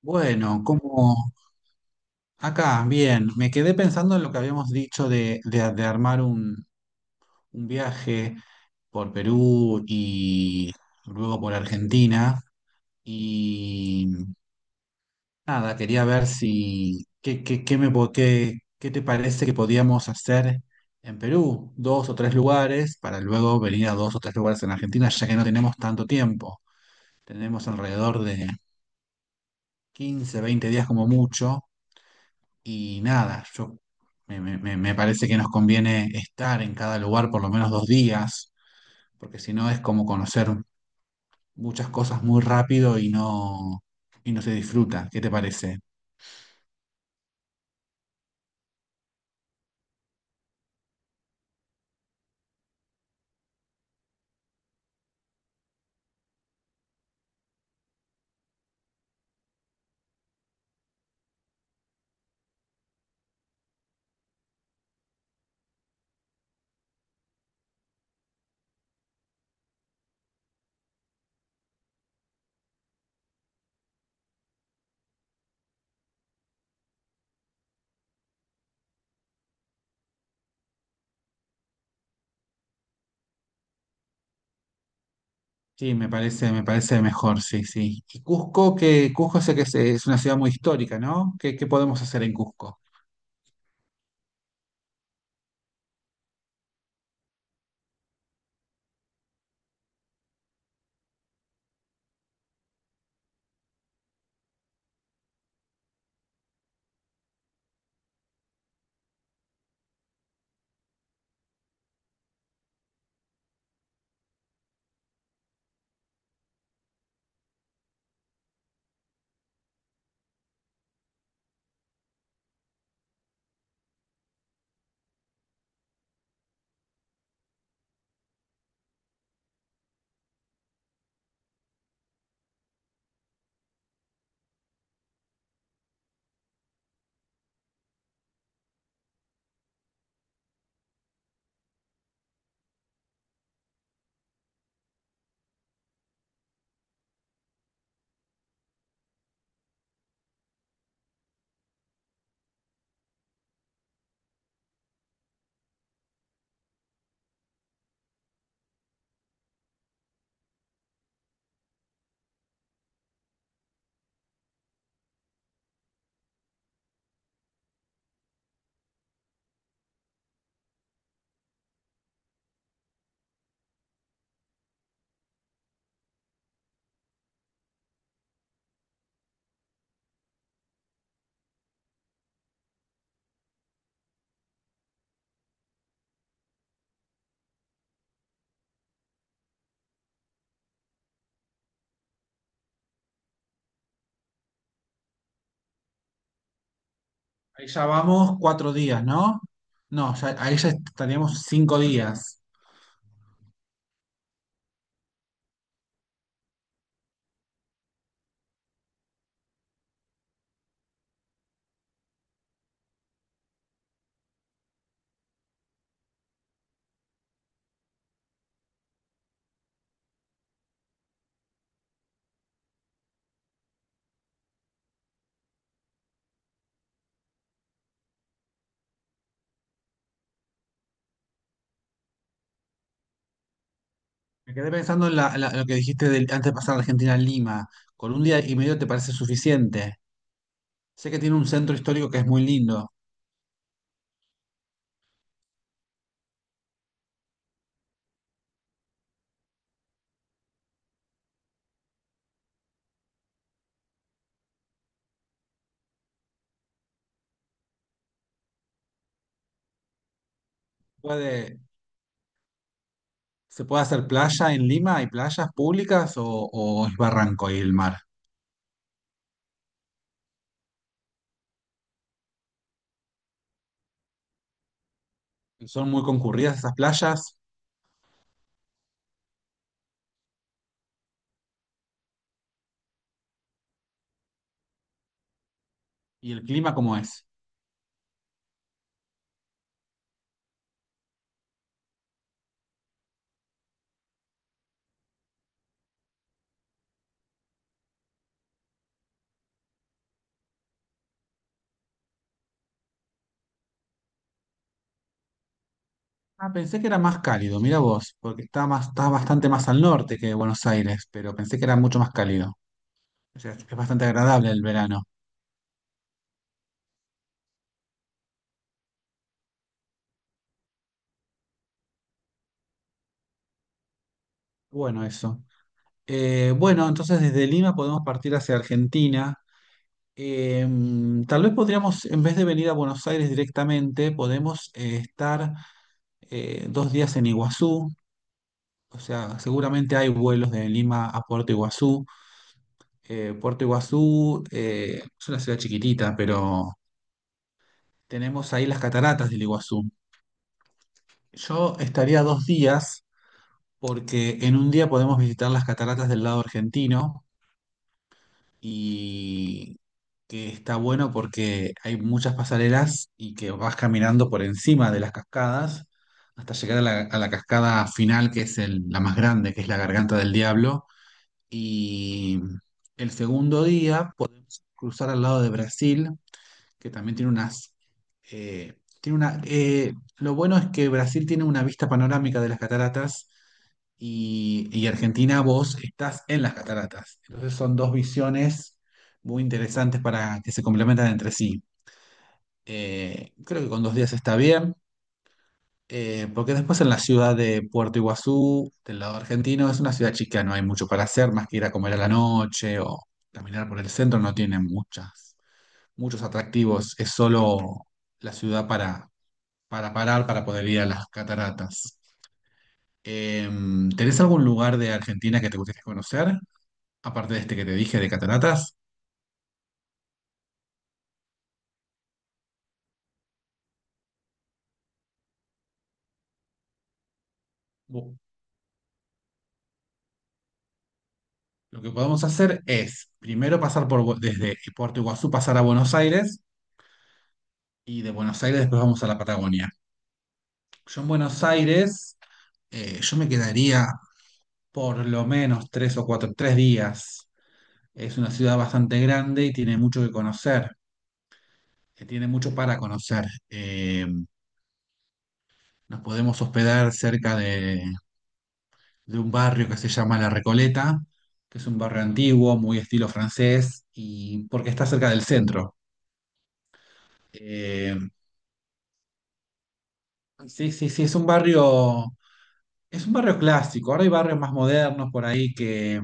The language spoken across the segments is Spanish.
Bueno, como acá, bien, me quedé pensando en lo que habíamos dicho de armar un viaje por Perú y luego por Argentina. Y nada, quería ver si, qué, qué, qué me, po- qué, qué te parece que podíamos hacer en Perú, dos o tres lugares, para luego venir a dos o tres lugares en Argentina, ya que no tenemos tanto tiempo. Tenemos alrededor de 15 20 días como mucho. Y nada, yo me parece que nos conviene estar en cada lugar por lo menos 2 días, porque si no es como conocer muchas cosas muy rápido y no se disfruta. ¿Qué te parece? Sí, me parece mejor, sí, sí. Y Cusco sé que es una ciudad muy histórica, ¿no? ¿Qué, qué podemos hacer en Cusco? Ahí ya vamos 4 días, ¿no? No, ahí ya estaríamos 5 días. Me quedé pensando en lo que dijiste antes de pasar de Argentina a Lima. ¿Con un día y medio te parece suficiente? Sé que tiene un centro histórico que es muy lindo. ¿Puede, se puede hacer playa en Lima? ¿Hay playas públicas o es barranco y el mar? ¿Son muy concurridas esas playas? ¿Y el clima cómo es? Ah, pensé que era más cálido, mira vos, porque está bastante más al norte que Buenos Aires, pero pensé que era mucho más cálido. O sea, es bastante agradable el verano. Bueno, eso. Bueno, entonces desde Lima podemos partir hacia Argentina. Eh, tal vez podríamos, en vez de venir a Buenos Aires directamente, podemos estar 2 días en Iguazú. O sea, seguramente hay vuelos de Lima a Puerto Iguazú. Puerto Iguazú es una ciudad chiquitita, pero tenemos ahí las cataratas del Iguazú. Yo estaría 2 días porque en un día podemos visitar las cataratas del lado argentino y que está bueno porque hay muchas pasarelas y que vas caminando por encima de las cascadas hasta llegar a la cascada final, que es la más grande, que es la Garganta del Diablo. Y el segundo día, puedes cruzar al lado de Brasil que también eh, tiene una, lo bueno es que Brasil tiene una vista panorámica de las cataratas y Argentina vos estás en las cataratas. Entonces son dos visiones muy interesantes para que se complementan entre sí. Creo que con 2 días está bien, porque después en la ciudad de Puerto Iguazú, del lado argentino, es una ciudad chica, no hay mucho para hacer, más que ir a comer a la noche o caminar por el centro, no tiene muchas muchos atractivos. Es solo la ciudad para parar, para poder ir a las cataratas. ¿Tenés algún lugar de Argentina que te gustaría conocer? Aparte de este que te dije de cataratas. Bu- Lo que podemos hacer es primero pasar desde Puerto Iguazú, pasar a Buenos Aires y de Buenos Aires después vamos a la Patagonia. Yo en Buenos Aires, yo me quedaría por lo menos tres días. Es una ciudad bastante grande y tiene mucho que conocer. Que tiene mucho para conocer. Nos podemos hospedar cerca de un barrio que se llama La Recoleta, que es un barrio antiguo, muy estilo francés, y porque está cerca del centro. Eh, sí, sí, sí, es un barrio clásico. Ahora hay barrios más modernos por ahí que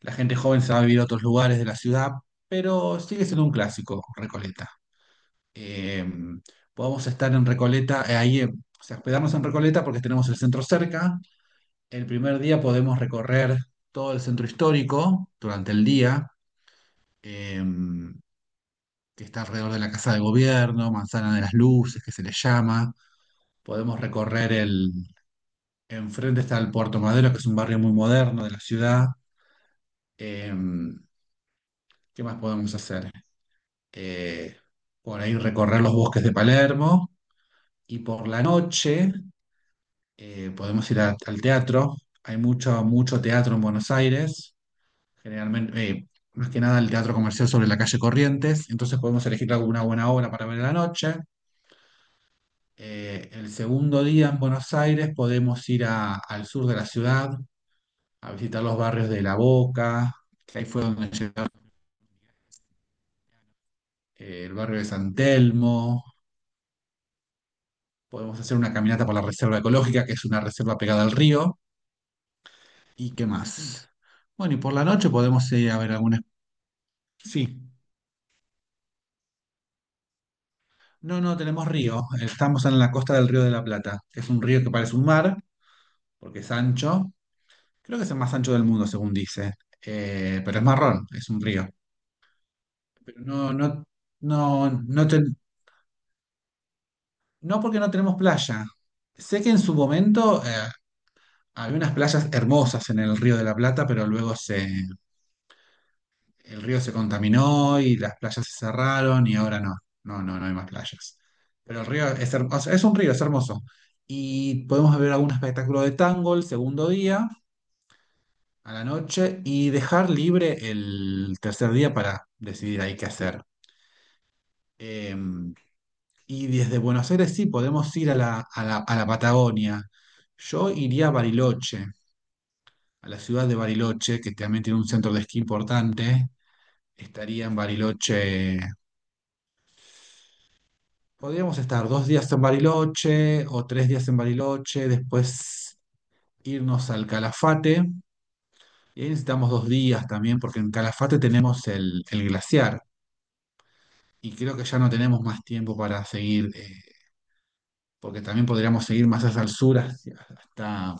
la gente joven se va a vivir a otros lugares de la ciudad, pero sigue siendo un clásico, Recoleta. Eh, podemos estar en Recoleta, ahí, o sea, hospedarnos en Recoleta porque tenemos el centro cerca. El primer día podemos recorrer todo el centro histórico durante el día, eh, que está alrededor de la Casa de Gobierno, Manzana de las Luces, que se le llama. Podemos recorrer el. Enfrente está el Puerto Madero, que es un barrio muy moderno de la ciudad. Eh, ¿qué más podemos hacer? Eh, por ahí recorrer los bosques de Palermo y por la noche podemos ir al teatro. Hay mucho, mucho teatro en Buenos Aires. Generalmente, más que nada el teatro comercial sobre la calle Corrientes, entonces podemos elegir alguna buena obra para ver en la noche. El segundo día en Buenos Aires podemos ir al sur de la ciudad, a visitar los barrios de La Boca, que ahí fue donde llegaron el barrio de San Telmo, podemos hacer una caminata por la Reserva Ecológica, que es una reserva pegada al río, y qué más. Bueno, y por la noche podemos ir a ver algunas. Sí. No, no, tenemos río. Estamos en la costa del Río de la Plata. Es un río que parece un mar, porque es ancho. Creo que es el más ancho del mundo, según dice. Pero es marrón, es un río. Pero no, no, no, no, no porque no tenemos playa. Sé que en su momento había unas playas hermosas en el Río de la Plata, pero luego el río se contaminó y las playas se cerraron y ahora no, no, no, no hay más playas. Pero el río es hermoso, es un río, es hermoso. Y podemos ver algún espectáculo de tango el segundo día, a la noche, y dejar libre el tercer día para decidir ahí qué hacer. Eh, y desde Buenos Aires sí, podemos ir a la Patagonia. Yo iría a Bariloche, a la ciudad de Bariloche, que también tiene un centro de esquí importante. Estaría en Bariloche. Podríamos estar 2 días en Bariloche o 3 días en Bariloche, después irnos al Calafate. Y ahí necesitamos 2 días también, porque en Calafate tenemos el glaciar. Y creo que ya no tenemos más tiempo para seguir, porque también podríamos seguir más hacia el sur, hacia- hasta,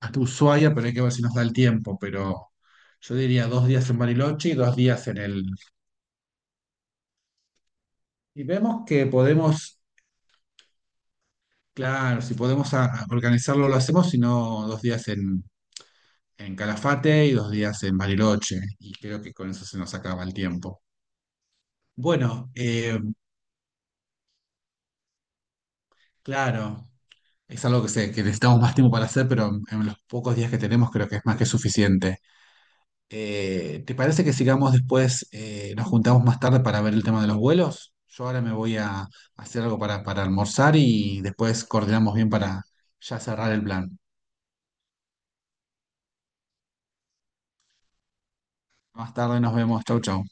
hasta Ushuaia, pero hay que ver si nos da el tiempo. Pero yo diría 2 días en Bariloche y 2 días en el. Y vemos que podemos, claro, si podemos a organizarlo, lo hacemos, si no, 2 días en Calafate y 2 días en Bariloche, y creo que con eso se nos acaba el tiempo. Bueno, claro, es algo que, sé, que necesitamos más tiempo para hacer, pero en los pocos días que tenemos creo que es más que suficiente. ¿Te parece que sigamos después, nos juntamos más tarde para ver el tema de los vuelos? Yo ahora me voy a hacer algo para almorzar y después coordinamos bien para ya cerrar el plan. Más tarde nos vemos, chau, chau.